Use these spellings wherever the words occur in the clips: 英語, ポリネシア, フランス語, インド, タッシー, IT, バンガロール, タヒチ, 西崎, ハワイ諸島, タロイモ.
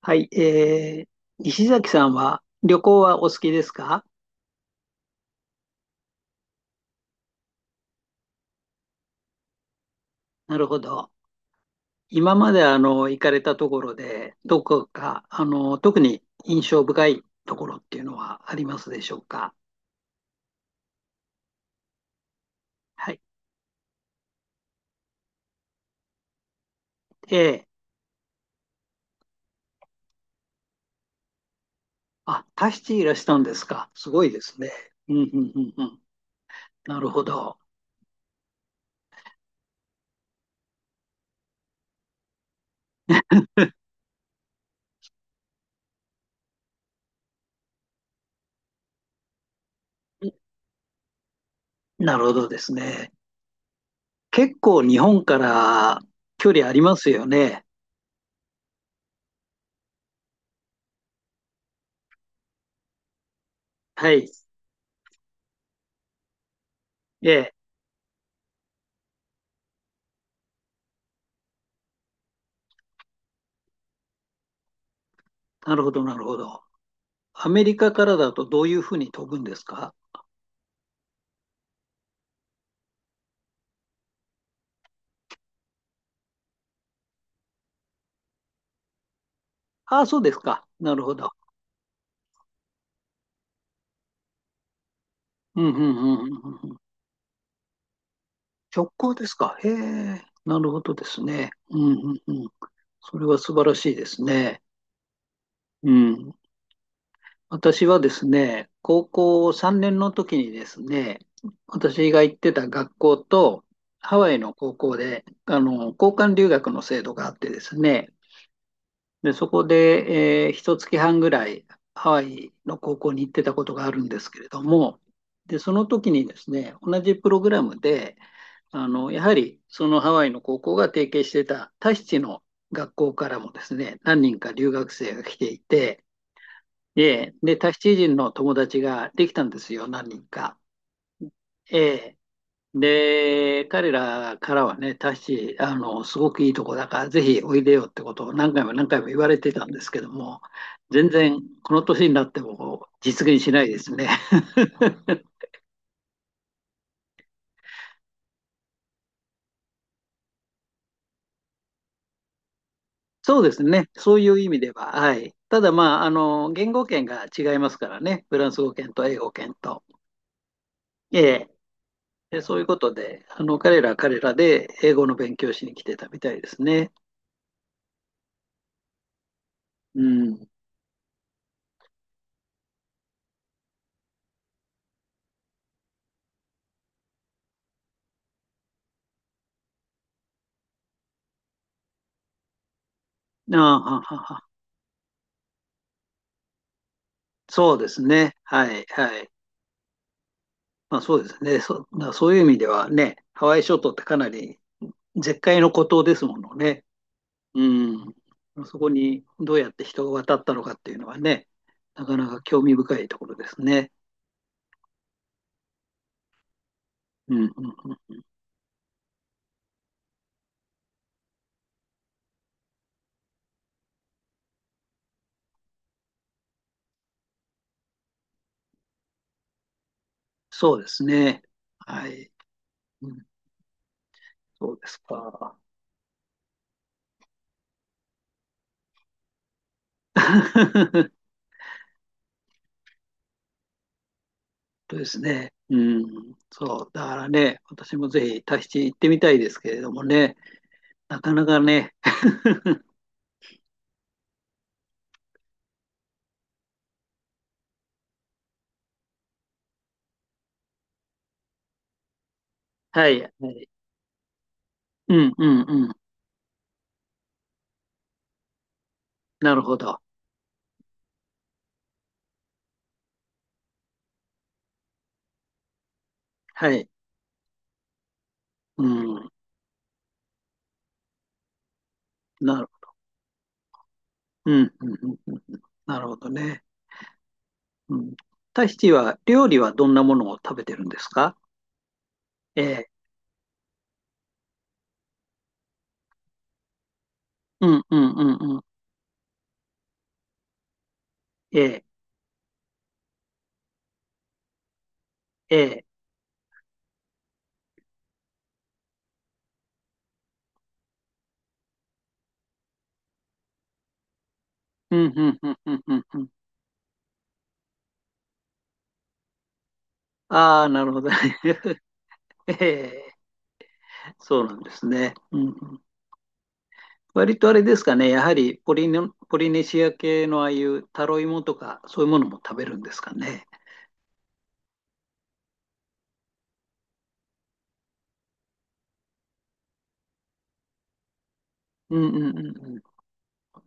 はい、西崎さんは旅行はお好きですか？なるほど。今まで行かれたところで、どこか特に印象深いところっていうのはありますでしょうか？はい。ええ。あ、タヒチいらしたんですか？すごいですね。うんうんうんうん。なるほど。なるほどですね。結構日本から距離ありますよね。はい。ええ。なるほど、なるほど。アメリカからだとどういうふうに飛ぶんですか？ああ、そうですか。なるほど。うんうんうんうんうんうん。直行ですか？へえ、なるほどですね。うんうんうん。それは素晴らしいですね。うん。私はですね、高校3年の時にですね、私が行ってた学校とハワイの高校で、交換留学の制度があってですね、で、そこで、一月半ぐらいハワイの高校に行ってたことがあるんですけれども、で、その時にですね、同じプログラムで、やはりそのハワイの高校が提携してたタヒチの学校からもですね、何人か留学生が来ていて、で、タヒチ人の友達ができたんですよ、何人か。ええ。で、彼らからはね、タッシー、すごくいいとこだから、ぜひおいでよってことを何回も何回も言われてたんですけども、全然この年になっても実現しないですね。そうですね、そういう意味では、はい。ただ、まあ、言語圏が違いますからね、フランス語圏と英語圏と。ええ。で、そういうことで、彼らは彼らで英語の勉強しに来てたみたいですね。うん。ああ、はははそうですね、はい、はい。まあそうですね。だからそういう意味ではね、ハワイ諸島ってかなり絶海の孤島ですものね。うん。そこにどうやって人が渡ったのかっていうのはね、なかなか興味深いところですね。うん、うん、うん。そうですね。はい。うん、そうですか。そうですね。うん。そう。だからね、私もぜひタヒチ行ってみたいですけれどもね、なかなかね。はい。はい。うん、うん、うん。なるほど。はい。うん。なる、うん、うん、うんうんなるほどね。うん。タヒチは、料理はどんなものを食べてるんですか？ええ、うん、うん、うん、うん。ええ、ええ、うん、うん、うん、うん、うんうん。ああ、なるほどね。ええ、そうなんですね。うんうん。割とあれですかね、やはりポリネシア系のああいうタロイモとか、そういうものも食べるんですかね。うんうんうんうん。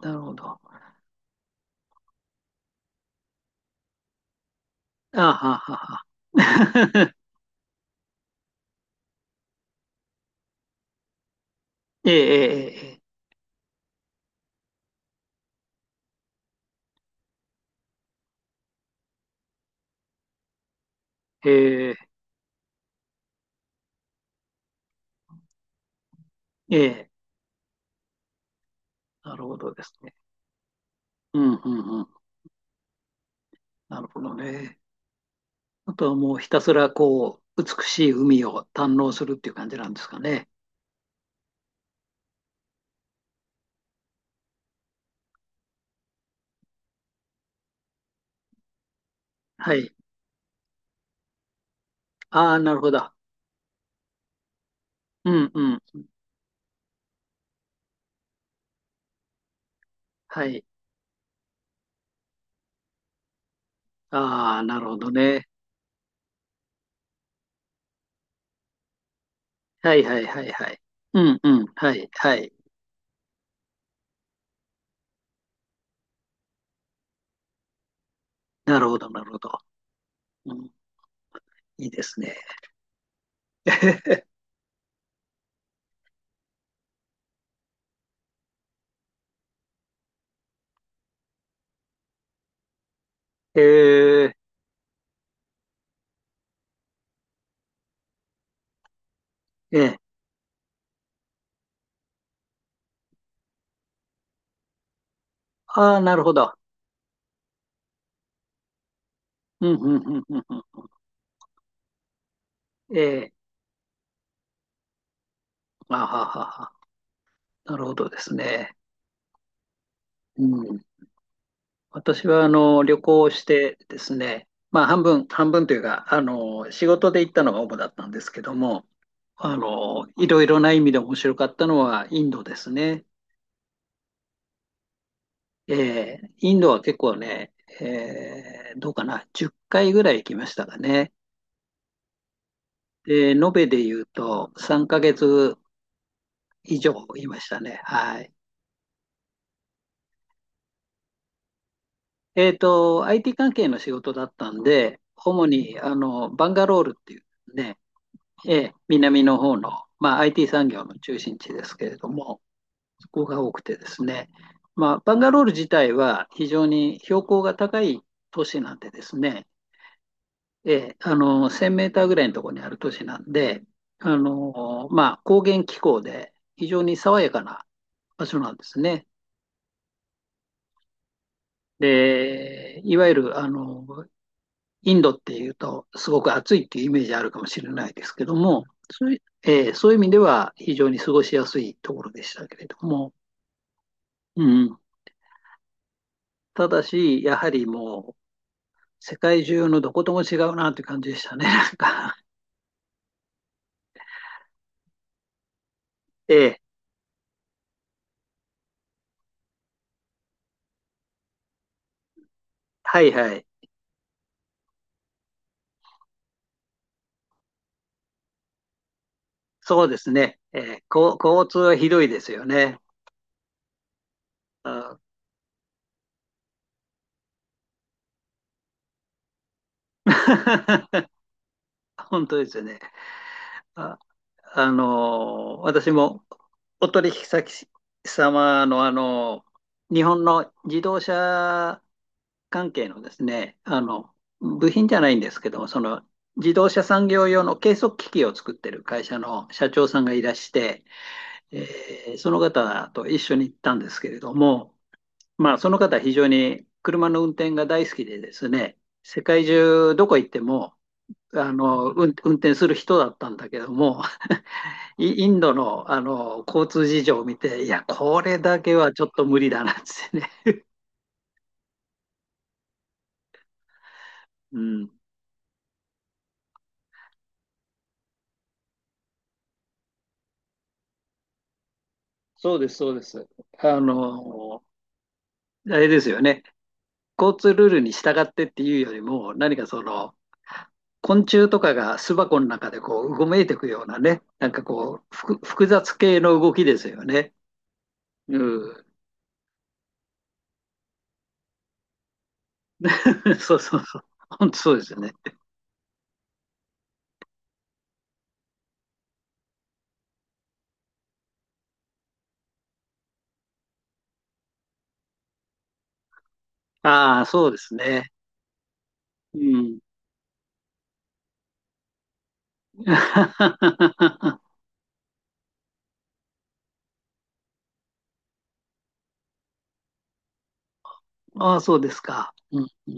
なるほど。あはははは。ええええええええええなるほどですね。うんうんうん。なるほどね。あとはもうひたすらこう、美しい海を堪能するっていう感じなんですかね。はい。ああ、なるほど。うんうん。はい。ああ、なるほどね。はいはいはいはい。うんうん。はいはい。なるほどなるほど。うん、いいですね。えー、ええ。ああ、なるほど。うんうんうんうんうん。ええ。あははは。なるほどですね。うん。私は旅行をしてですね、まあ、半分、半分というか、仕事で行ったのが主だったんですけども、いろいろな意味で面白かったのはインドですね。インドは結構ね、どうかな、10回ぐらい行きましたかね。で、延べで言うと3ヶ月以上いましたね。はい。IT 関係の仕事だったんで、主にバンガロールっていうね、ええ、南の方の、まあ、IT 産業の中心地ですけれども、そこが多くてですね、まあ、バンガロール自体は非常に標高が高い都市なんでですね、ええ、1000メーターぐらいのところにある都市なんで、まあ、高原気候で非常に爽やかな場所なんですね。で、いわゆる、インドっていうと、すごく暑いっていうイメージあるかもしれないですけども、そういうえーそういう意味では非常に過ごしやすいところでしたけれども、うん、ただし、やはりもう世界中のどことも違うなという感じでしたね、なんか。えーはいはい、そうですね、交通はひどいですよね。あ。 本当ですよね。あ、私もお取引先様の、日本の自動車関係のですね、部品じゃないんですけども、その自動車産業用の計測機器を作ってる会社の社長さんがいらして、その方と一緒に行ったんですけれども、まあ、その方は非常に車の運転が大好きでですね、世界中どこ行っても、運転する人だったんだけども、インドの、あの交通事情を見て、いや、これだけはちょっと無理だなっつってね。うん、そうです、そうです。あのあれですよね。交通ルールに従ってっていうよりも、何かその、昆虫とかが巣箱の中でこう、うごめいていくようなね、なんかこう、複雑系の動きですよね。うん。そうそうそう。本当そうですよね。ああ、そうですね。うん。ああ、そうですか。うん。